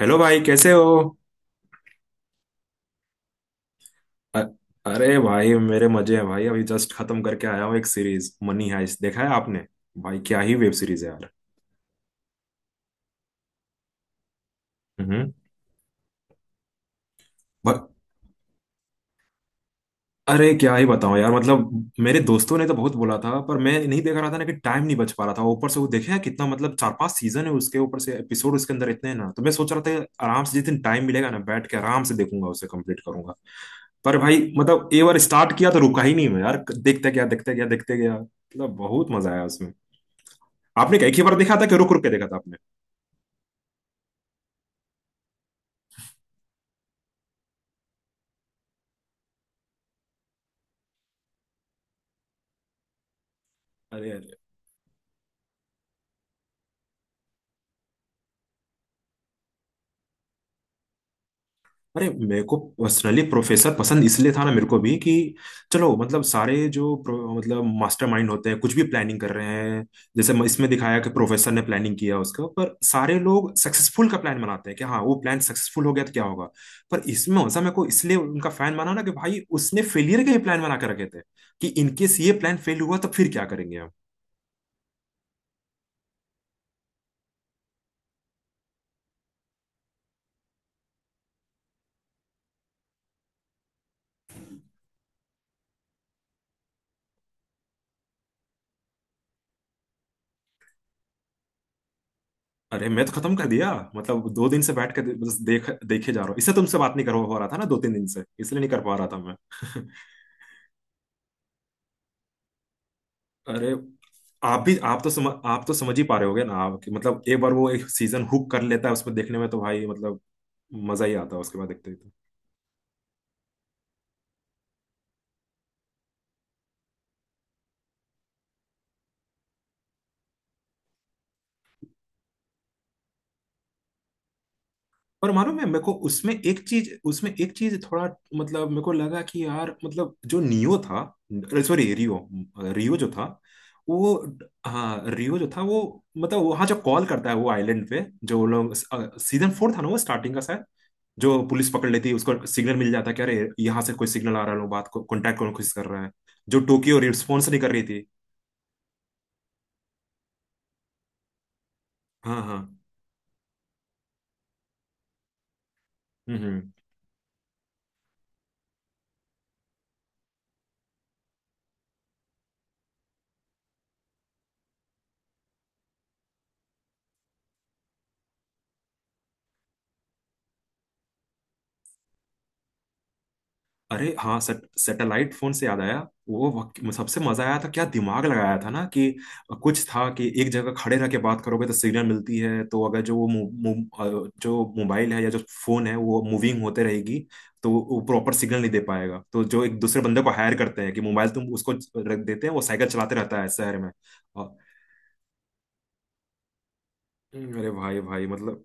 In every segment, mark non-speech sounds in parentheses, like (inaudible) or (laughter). Hello भाई, कैसे हो? अ- अरे भाई, मेरे मजे हैं भाई। अभी जस्ट खत्म करके आया हूँ एक सीरीज, मनी हाइस्ट। देखा है आपने? भाई, क्या ही वेब सीरीज है यार। हम्म। ब- अरे क्या ही बताऊं यार। मतलब मेरे दोस्तों ने तो बहुत बोला था, पर मैं नहीं देख रहा था ना कि टाइम नहीं बच पा रहा था। ऊपर से वो देखा है कितना मतलब, चार पांच सीजन है उसके, ऊपर से एपिसोड उसके अंदर इतने हैं ना। तो मैं सोच रहा था कि आराम से जिस दिन टाइम मिलेगा ना, बैठ के आराम से देखूंगा, उसे कंप्लीट करूंगा। पर भाई मतलब, एक बार स्टार्ट किया तो रुका ही नहीं मैं यार। देखते गया, देखते गया, देखते गया, मतलब बहुत मजा आया उसमें। आपने क्या एक ही बार देखा था कि रुक रुक के देखा था आपने? अरे अरे। अरे मेरे को पर्सनली प्रोफेसर पसंद इसलिए था ना, मेरे को भी कि चलो, मतलब सारे जो मतलब मास्टरमाइंड होते हैं, कुछ भी प्लानिंग कर रहे हैं। जैसे इसमें दिखाया कि प्रोफेसर ने प्लानिंग किया उसका। पर सारे लोग सक्सेसफुल का प्लान बनाते हैं कि हाँ वो प्लान सक्सेसफुल हो गया तो क्या होगा। पर इसमें वैसा, मेरे को इसलिए उनका फैन बना ना कि भाई उसने फेलियर के ही प्लान बना के रखे थे। कि इनकेस ये प्लान फेल हुआ तो फिर क्या करेंगे हम। अरे मैं तो खत्म कर दिया। मतलब 2 दिन से बैठ के बस देख देखे जा रहा हूँ। इससे तुमसे बात नहीं कर पा रहा था ना 2 3 दिन से, इसलिए नहीं कर पा रहा था मैं। (laughs) अरे। आप भी, आप तो आप तो समझ ही पा रहे होगे ना आप कि मतलब एक बार वो एक सीजन हुक कर लेता है उसमें देखने में तो भाई मतलब, मजा ही आता है उसके बाद देखते ही तो। और मालूम है मेरे को उसमें एक चीज थोड़ा, मतलब मेरे को लगा कि यार मतलब जो नियो था, सॉरी रियो। रियो जो था वो, हाँ रियो जो था वो, मतलब वहां जो कॉल करता है वो आइलैंड पे, जो लोग सीजन 4 था ना वो स्टार्टिंग का शायद। जो पुलिस पकड़ लेती है, उसको सिग्नल मिल जाता है कि अरे यहाँ से कोई सिग्नल आ रहा है, लोग बात को कांटेक्ट करने की कोशिश कर रहा है। जो टोक्यो रिस्पॉन्स नहीं कर रही थी। हाँ हाँ। हम्म हम्म। अरे हाँ, सैटेलाइट फोन से याद आया। वो, सबसे मजा आया था, क्या दिमाग लगाया था ना कि कुछ था कि एक जगह खड़े रह के बात करोगे तो सिग्नल मिलती है। तो अगर जो वो मो, मो, अ, जो मोबाइल है या जो फोन है वो मूविंग होते रहेगी, तो वो प्रॉपर सिग्नल नहीं दे पाएगा। तो जो एक दूसरे बंदे को हायर करते हैं कि मोबाइल तुम उसको रख देते हैं, वो साइकिल चलाते रहता है शहर में। अ, अरे भाई भाई, मतलब।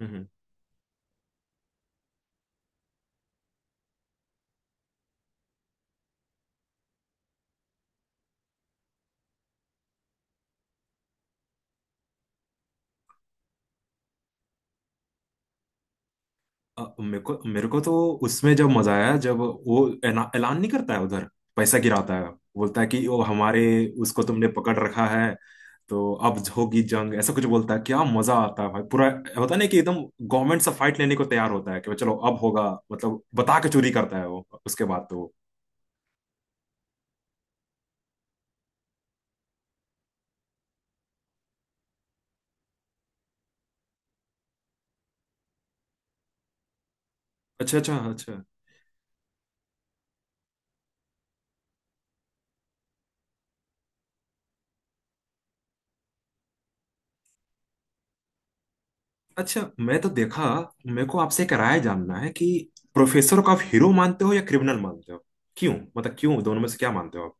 हम्म, हम्म। मेरे को तो उसमें जब मजा आया, जब वो ऐलान नहीं करता है उधर, पैसा गिराता है, बोलता है कि वो हमारे, उसको तुमने पकड़ रखा है, तो अब होगी जंग, ऐसा कुछ बोलता है। क्या मजा आता है भाई पूरा। होता नहीं कि एकदम गवर्नमेंट से फाइट लेने को तैयार होता है कि चलो अब होगा। मतलब बता के चोरी करता है वो उसके बाद तो। अच्छा अच्छा अच्छा। अच्छा मैं तो देखा, मेरे को आपसे एक राय जानना है कि प्रोफेसर को आप हीरो मानते हो या क्रिमिनल मानते हो? क्यों, मतलब क्यों, दोनों में से क्या मानते हो आप?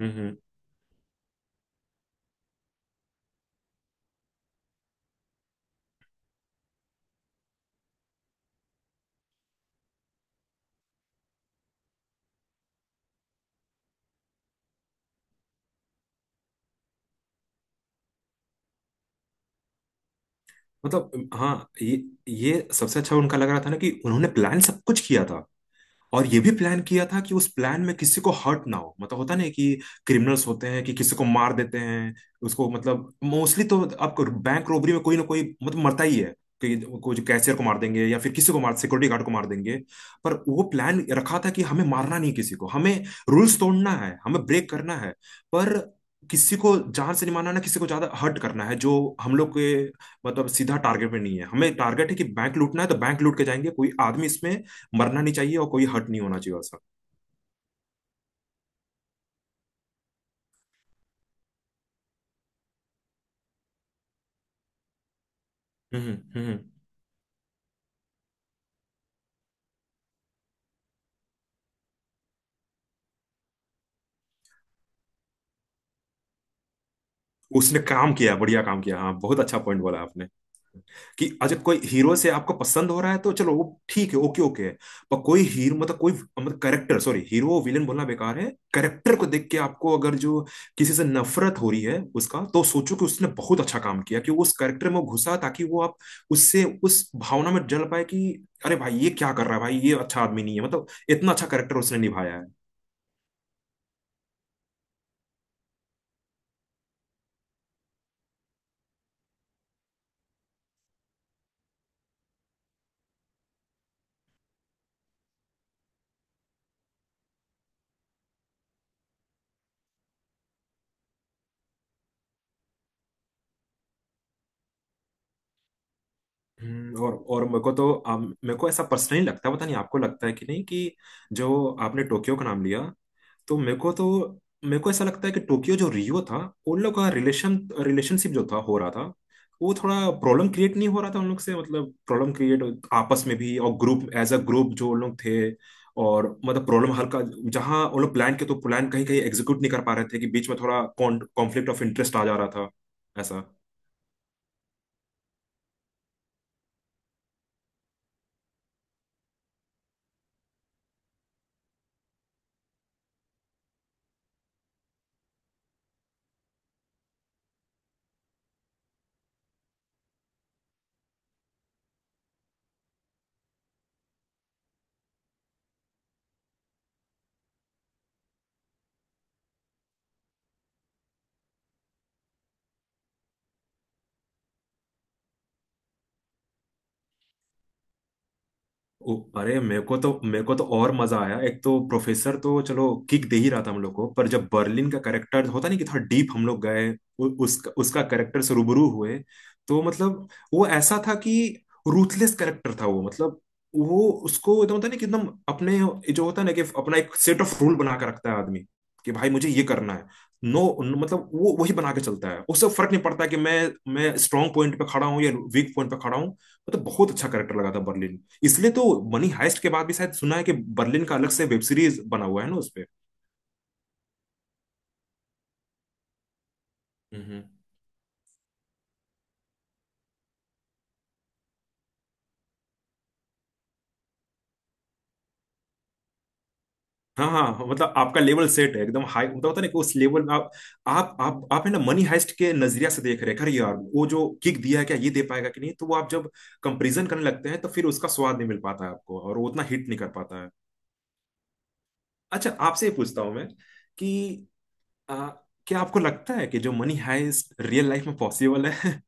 हम्म, हम्म। मतलब हाँ, ये ये सबसे अच्छा उनका लग रहा था ना कि उन्होंने प्लान सब कुछ किया था। और ये भी प्लान किया था कि उस प्लान में किसी को हर्ट ना हो, मतलब होता नहीं कि क्रिमिनल्स होते हैं कि किसी को मार देते हैं। उसको मतलब मोस्टली तो आपको बैंक रोबरी में कोई ना कोई मतलब मरता ही है। कि कुछ कैशियर को मार देंगे या फिर किसी को मार, सिक्योरिटी गार्ड को मार देंगे। पर वो प्लान रखा था कि हमें मारना नहीं किसी को, हमें रूल्स तोड़ना है, हमें ब्रेक करना है। पर किसी को जान से नहीं मारना ना, किसी को ज्यादा हर्ट करना है, जो हम लोग के, मतलब सीधा टारगेट पे नहीं है, हमें टारगेट है कि बैंक लूटना है, तो बैंक लूट के जाएंगे। कोई आदमी इसमें मरना नहीं चाहिए और कोई हर्ट नहीं होना चाहिए उसका। हम्म हम्म। उसने काम किया, बढ़िया काम किया हाँ। बहुत अच्छा पॉइंट बोला आपने। कि अगर कोई हीरो से आपको पसंद हो रहा है तो चलो वो ठीक है, ओके ओके है। पर कोई हीरो मतलब कोई मतलब करेक्टर, सॉरी हीरो विलेन बोलना बेकार है। करेक्टर को देख के आपको अगर जो किसी से नफरत हो रही है उसका, तो सोचो कि उसने बहुत अच्छा काम किया कि वो उस करेक्टर में घुसा ताकि वो आप उससे उस भावना में जल पाए कि अरे भाई ये क्या कर रहा है भाई, ये अच्छा आदमी नहीं है। मतलब इतना अच्छा करेक्टर उसने निभाया है। हम्म। और मेरे को ऐसा पर्सनली लगता है, पता नहीं आपको लगता है कि नहीं कि जो आपने टोक्यो का नाम लिया, तो मेरे को ऐसा लगता है कि टोक्यो, जो रियो था, उन लोग का रिलेशन, रिलेशनशिप जो था हो रहा था, वो थोड़ा प्रॉब्लम क्रिएट नहीं हो रहा था उन लोग से, मतलब प्रॉब्लम क्रिएट आपस में भी और ग्रुप एज अ ग्रुप जो उन लोग थे। और मतलब प्रॉब्लम हल्का, जहाँ उन लोग प्लान के, तो प्लान कहीं कहीं एग्जीक्यूट नहीं कर पा रहे थे कि बीच में थोड़ा कॉन्फ्लिक्ट ऑफ इंटरेस्ट आ जा रहा था। ऐसा। अरे, मेरे को तो और मजा आया, एक तो प्रोफेसर तो चलो किक दे ही रहा था हम लोग को, पर जब बर्लिन का करेक्टर, होता नहीं कि थोड़ा डीप हम लोग गए, उसका उसका करेक्टर से रूबरू हुए, तो मतलब वो ऐसा था कि रूथलेस करेक्टर था वो, मतलब वो उसको एकदम, होता है ना कि एकदम अपने, जो होता है ना कि अपना एक सेट ऑफ रूल बना के रखता है आदमी। कि भाई मुझे ये करना है, नो, मतलब वो वही बना के चलता है, उससे फर्क नहीं पड़ता कि मैं स्ट्रांग पॉइंट पे खड़ा हूँ या वीक पॉइंट पे खड़ा हूँ। मतलब बहुत अच्छा करेक्टर लगा था बर्लिन। इसलिए तो मनी हाइस्ट के बाद भी शायद सुना है कि बर्लिन का अलग से वेब सीरीज बना हुआ है ना उसपे। हम्म। हाँ हाँ हाँ, मतलब आपका लेवल सेट है एकदम हाई, मतलब होता है ना कि उस लेवल में आप है ना मनी हाइस्ट के नजरिया से देख रहे हैं, अरे यार वो जो किक दिया है क्या ये दे पाएगा कि नहीं, तो वो आप जब कंपेरिजन करने लगते हैं तो फिर उसका स्वाद नहीं मिल पाता है आपको और वो उतना हिट नहीं कर पाता है। अच्छा आपसे ये पूछता हूँ मैं कि आ, क्या आपको लगता है कि जो मनी हाइस्ट रियल लाइफ में पॉसिबल है? (laughs)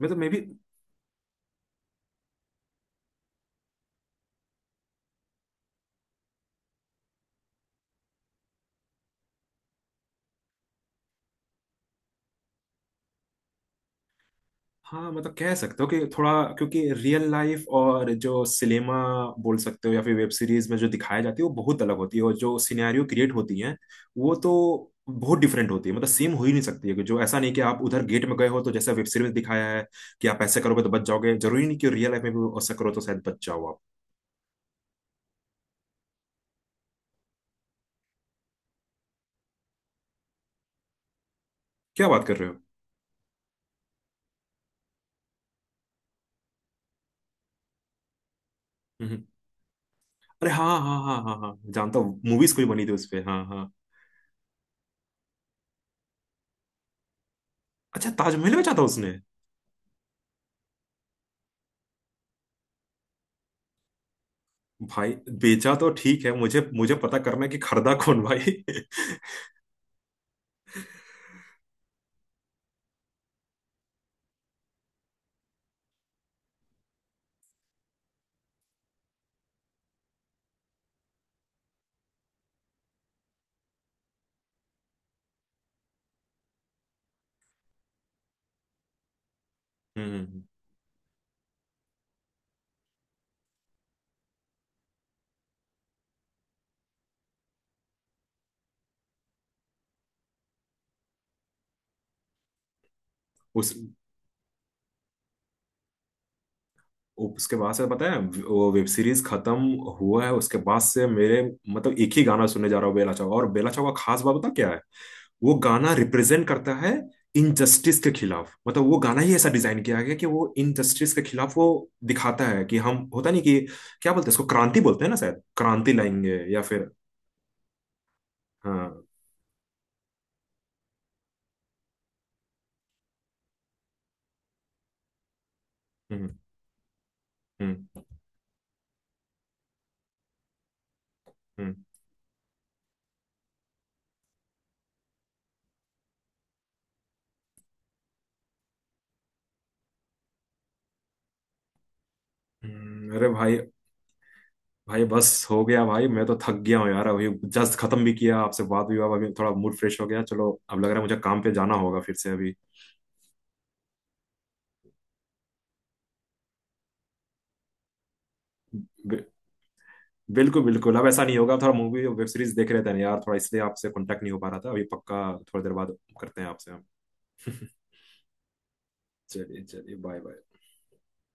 मतलब मे बी। हाँ मतलब कह सकते हो कि थोड़ा, क्योंकि रियल लाइफ और जो सिनेमा बोल सकते हो या फिर वेब सीरीज में जो दिखाई जाती है, वो बहुत अलग होती है। और जो सिनेरियो क्रिएट होती हैं वो तो बहुत डिफरेंट होती है, मतलब सेम हो ही नहीं सकती है कि जो ऐसा नहीं कि आप उधर गेट में गए हो तो जैसा वेब सीरीज में दिखाया है कि आप ऐसे करोगे तो बच जाओगे, जरूरी नहीं कि रियल लाइफ में भी ऐसा करो तो शायद बच जाओ आप। क्या बात कर रहे हो! हम्म। अरे हाँ हाँ हाँ हाँ हाँ, जानता हूँ। मूवीज कोई बनी थी उस पे, हाँ हाँ। अच्छा, ताजमहल बेचा था उसने? भाई, बेचा तो ठीक है, मुझे मुझे पता करना है कि खरीदा कौन भाई! हम्म हम्म, हम्म। उस, उसके बाद से पता है, वो वेब सीरीज खत्म हुआ है, उसके बाद से मेरे, मतलब एक ही गाना सुनने जा रहा हूँ, बेला चाव। और बेला चाव का खास बात पता क्या है? वो गाना रिप्रेजेंट करता है इनजस्टिस के खिलाफ। मतलब वो गाना ही ऐसा डिजाइन किया गया कि वो इनजस्टिस के खिलाफ वो दिखाता है कि हम, होता नहीं कि क्या बोलते हैं इसको, क्रांति बोलते हैं ना शायद, क्रांति लाएंगे या फिर, हाँ। हम्म हम्म हम्म हम्म। अरे भाई, भाई बस हो गया भाई, मैं तो थक गया हूँ यार अभी। जस्ट खत्म भी किया, आपसे बात हुई, अब अभी थोड़ा मूड फ्रेश हो गया, चलो अब लग रहा है मुझे काम पे जाना होगा फिर से अभी। बि- बिल्कुल बिल्कुल, अब ऐसा नहीं होगा। थोड़ा मूवी और वेब सीरीज देख रहे थे ना यार थोड़ा, इसलिए आपसे कांटेक्ट नहीं हो पा रहा था। अभी पक्का थोड़ी देर बाद करते हैं आपसे हम। (laughs) चलिए चलिए, बाय बाय।